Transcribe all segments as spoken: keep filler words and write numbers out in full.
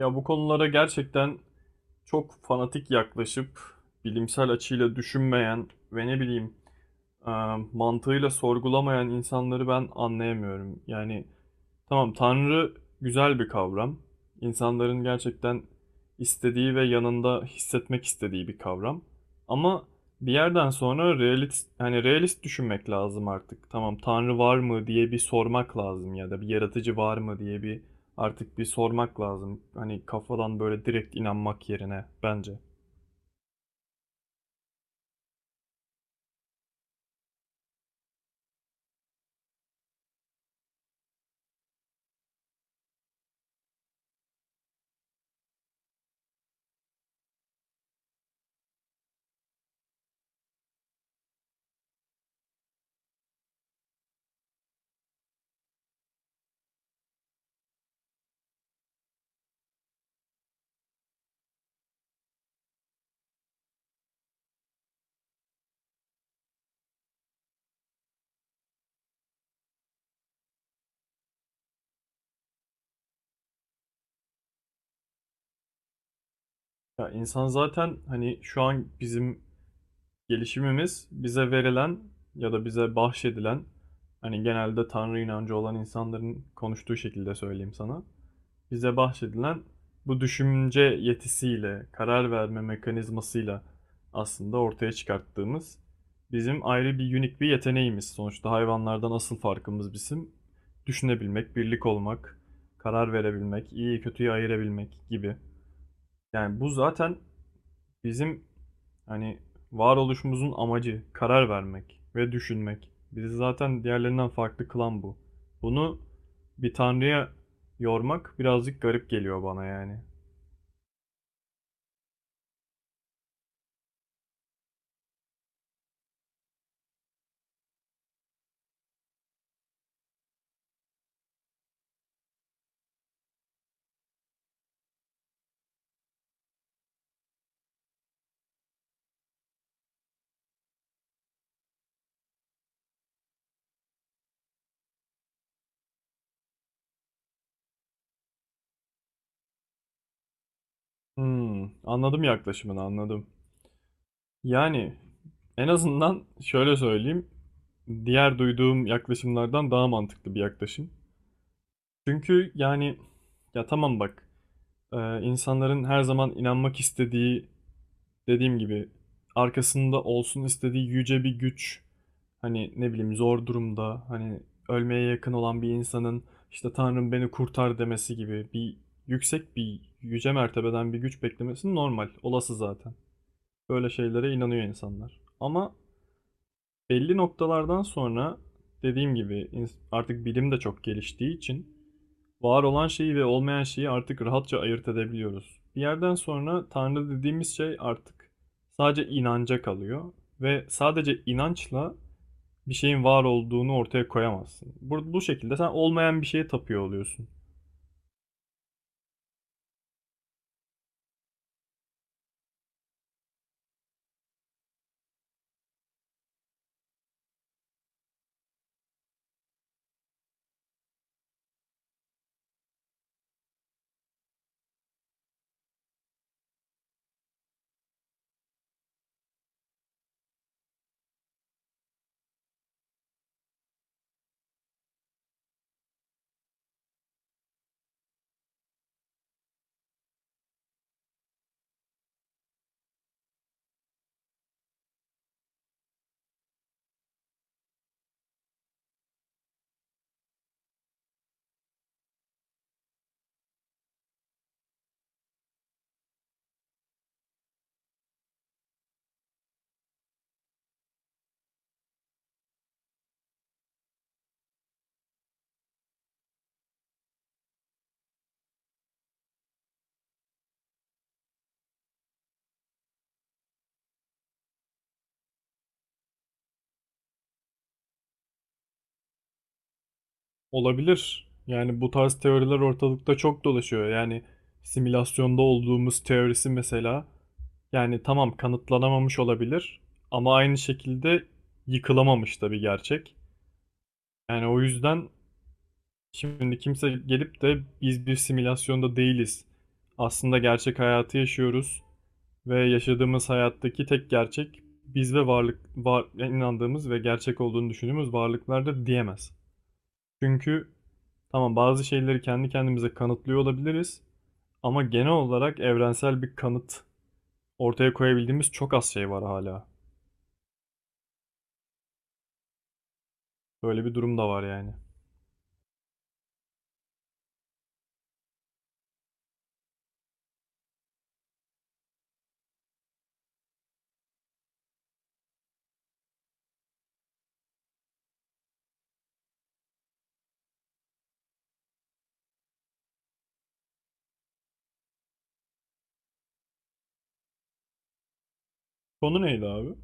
Ya bu konulara gerçekten çok fanatik yaklaşıp bilimsel açıyla düşünmeyen ve ne bileyim e, mantığıyla sorgulamayan insanları ben anlayamıyorum. Yani tamam, Tanrı güzel bir kavram. İnsanların gerçekten istediği ve yanında hissetmek istediği bir kavram. Ama bir yerden sonra realist, hani realist düşünmek lazım artık. Tamam, Tanrı var mı diye bir sormak lazım ya da bir yaratıcı var mı diye bir artık bir sormak lazım. Hani kafadan böyle direkt inanmak yerine bence. Ya insan zaten hani şu an bizim gelişimimiz bize verilen ya da bize bahşedilen hani genelde Tanrı inancı olan insanların konuştuğu şekilde söyleyeyim sana. Bize bahşedilen bu düşünce yetisiyle, karar verme mekanizmasıyla aslında ortaya çıkarttığımız bizim ayrı bir unik bir yeteneğimiz. Sonuçta hayvanlardan asıl farkımız bizim düşünebilmek, birlik olmak, karar verebilmek, iyiyi kötüyü ayırabilmek gibi. Yani bu zaten bizim hani varoluşumuzun amacı karar vermek ve düşünmek. Bizi zaten diğerlerinden farklı kılan bu. Bunu bir tanrıya yormak birazcık garip geliyor bana yani. Hmm, anladım, yaklaşımını anladım. Yani en azından şöyle söyleyeyim. Diğer duyduğum yaklaşımlardan daha mantıklı bir yaklaşım. Çünkü yani ya tamam bak, e, insanların her zaman inanmak istediği, dediğim gibi arkasında olsun istediği yüce bir güç, hani ne bileyim zor durumda, hani ölmeye yakın olan bir insanın işte "Tanrım beni kurtar" demesi gibi bir yüksek bir yüce mertebeden bir güç beklemesi normal, olası zaten. Böyle şeylere inanıyor insanlar. Ama belli noktalardan sonra dediğim gibi artık bilim de çok geliştiği için var olan şeyi ve olmayan şeyi artık rahatça ayırt edebiliyoruz. Bir yerden sonra Tanrı dediğimiz şey artık sadece inanca kalıyor ve sadece inançla bir şeyin var olduğunu ortaya koyamazsın. Bu, bu şekilde sen olmayan bir şeye tapıyor oluyorsun. Olabilir. Yani bu tarz teoriler ortalıkta çok dolaşıyor. Yani simülasyonda olduğumuz teorisi mesela, yani tamam kanıtlanamamış olabilir ama aynı şekilde yıkılamamış da bir gerçek. Yani o yüzden, şimdi kimse gelip de "biz bir simülasyonda değiliz. Aslında gerçek hayatı yaşıyoruz ve yaşadığımız hayattaki tek gerçek biz ve varlık, var inandığımız ve gerçek olduğunu düşündüğümüz varlıklardır" diyemez. Çünkü tamam bazı şeyleri kendi kendimize kanıtlıyor olabiliriz ama genel olarak evrensel bir kanıt ortaya koyabildiğimiz çok az şey var hala. Böyle bir durum da var yani. Konu neydi abi?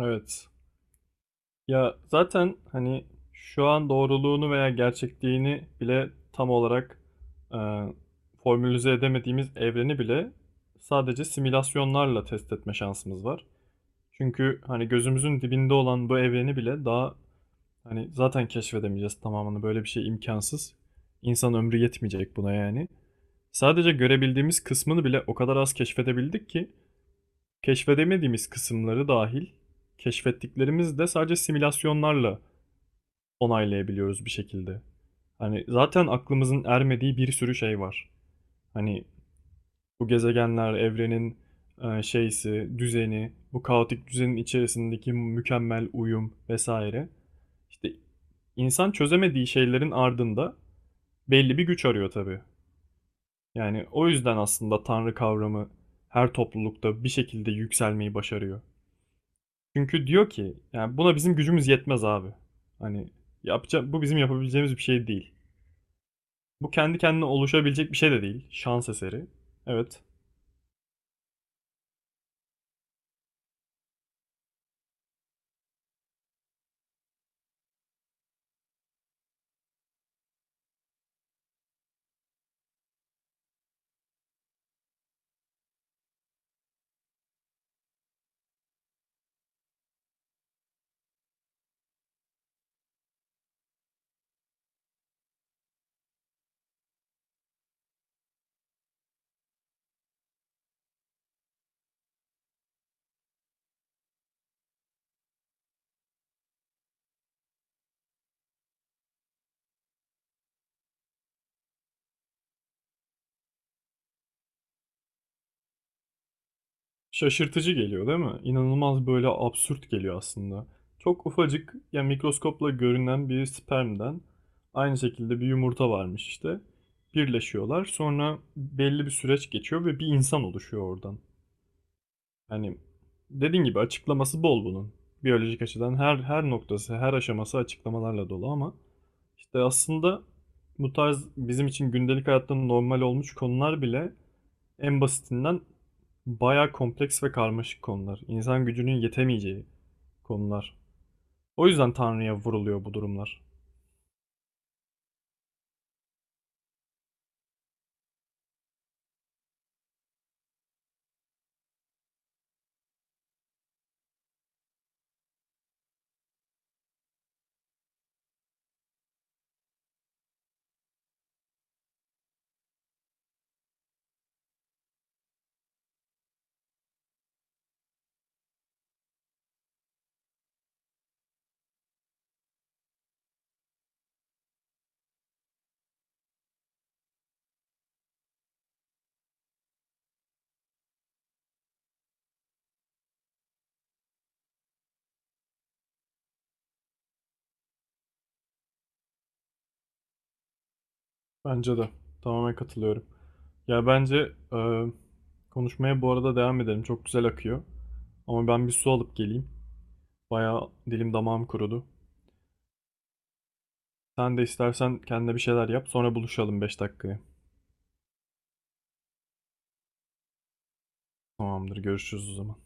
Evet. Ya zaten hani şu an doğruluğunu veya gerçekliğini bile tam olarak e, formülize edemediğimiz evreni bile sadece simülasyonlarla test etme şansımız var. Çünkü hani gözümüzün dibinde olan bu evreni bile daha, hani zaten keşfedemeyeceğiz tamamını. Böyle bir şey imkansız. İnsan ömrü yetmeyecek buna yani. Sadece görebildiğimiz kısmını bile o kadar az keşfedebildik ki keşfedemediğimiz kısımları dahil keşfettiklerimiz de sadece simülasyonlarla onaylayabiliyoruz bir şekilde. Hani zaten aklımızın ermediği bir sürü şey var. Hani bu gezegenler, evrenin, eee, şeysi, düzeni, bu kaotik düzenin içerisindeki mükemmel uyum vesaire. İşte insan çözemediği şeylerin ardında belli bir güç arıyor tabii. Yani o yüzden aslında Tanrı kavramı her toplulukta bir şekilde yükselmeyi başarıyor. Çünkü diyor ki yani buna bizim gücümüz yetmez abi. Hani yapacak, bu bizim yapabileceğimiz bir şey değil. Bu kendi kendine oluşabilecek bir şey de değil, şans eseri. Evet. Şaşırtıcı geliyor değil mi? İnanılmaz, böyle absürt geliyor aslında. Çok ufacık, yani mikroskopla görünen bir spermden, aynı şekilde bir yumurta varmış işte. Birleşiyorlar. Sonra belli bir süreç geçiyor ve bir insan oluşuyor oradan. Yani dediğin gibi açıklaması bol bunun. Biyolojik açıdan her her noktası, her aşaması açıklamalarla dolu ama işte aslında bu tarz bizim için gündelik hayatta normal olmuş konular bile, en basitinden, bayağı kompleks ve karmaşık konular. İnsan gücünün yetemeyeceği konular. O yüzden Tanrı'ya vuruluyor bu durumlar. Bence de. Tamamen katılıyorum. Ya bence e, konuşmaya bu arada devam edelim. Çok güzel akıyor. Ama ben bir su alıp geleyim. Bayağı dilim damağım kurudu. Sen de istersen kendine bir şeyler yap. Sonra buluşalım beş dakikaya. Tamamdır. Görüşürüz o zaman.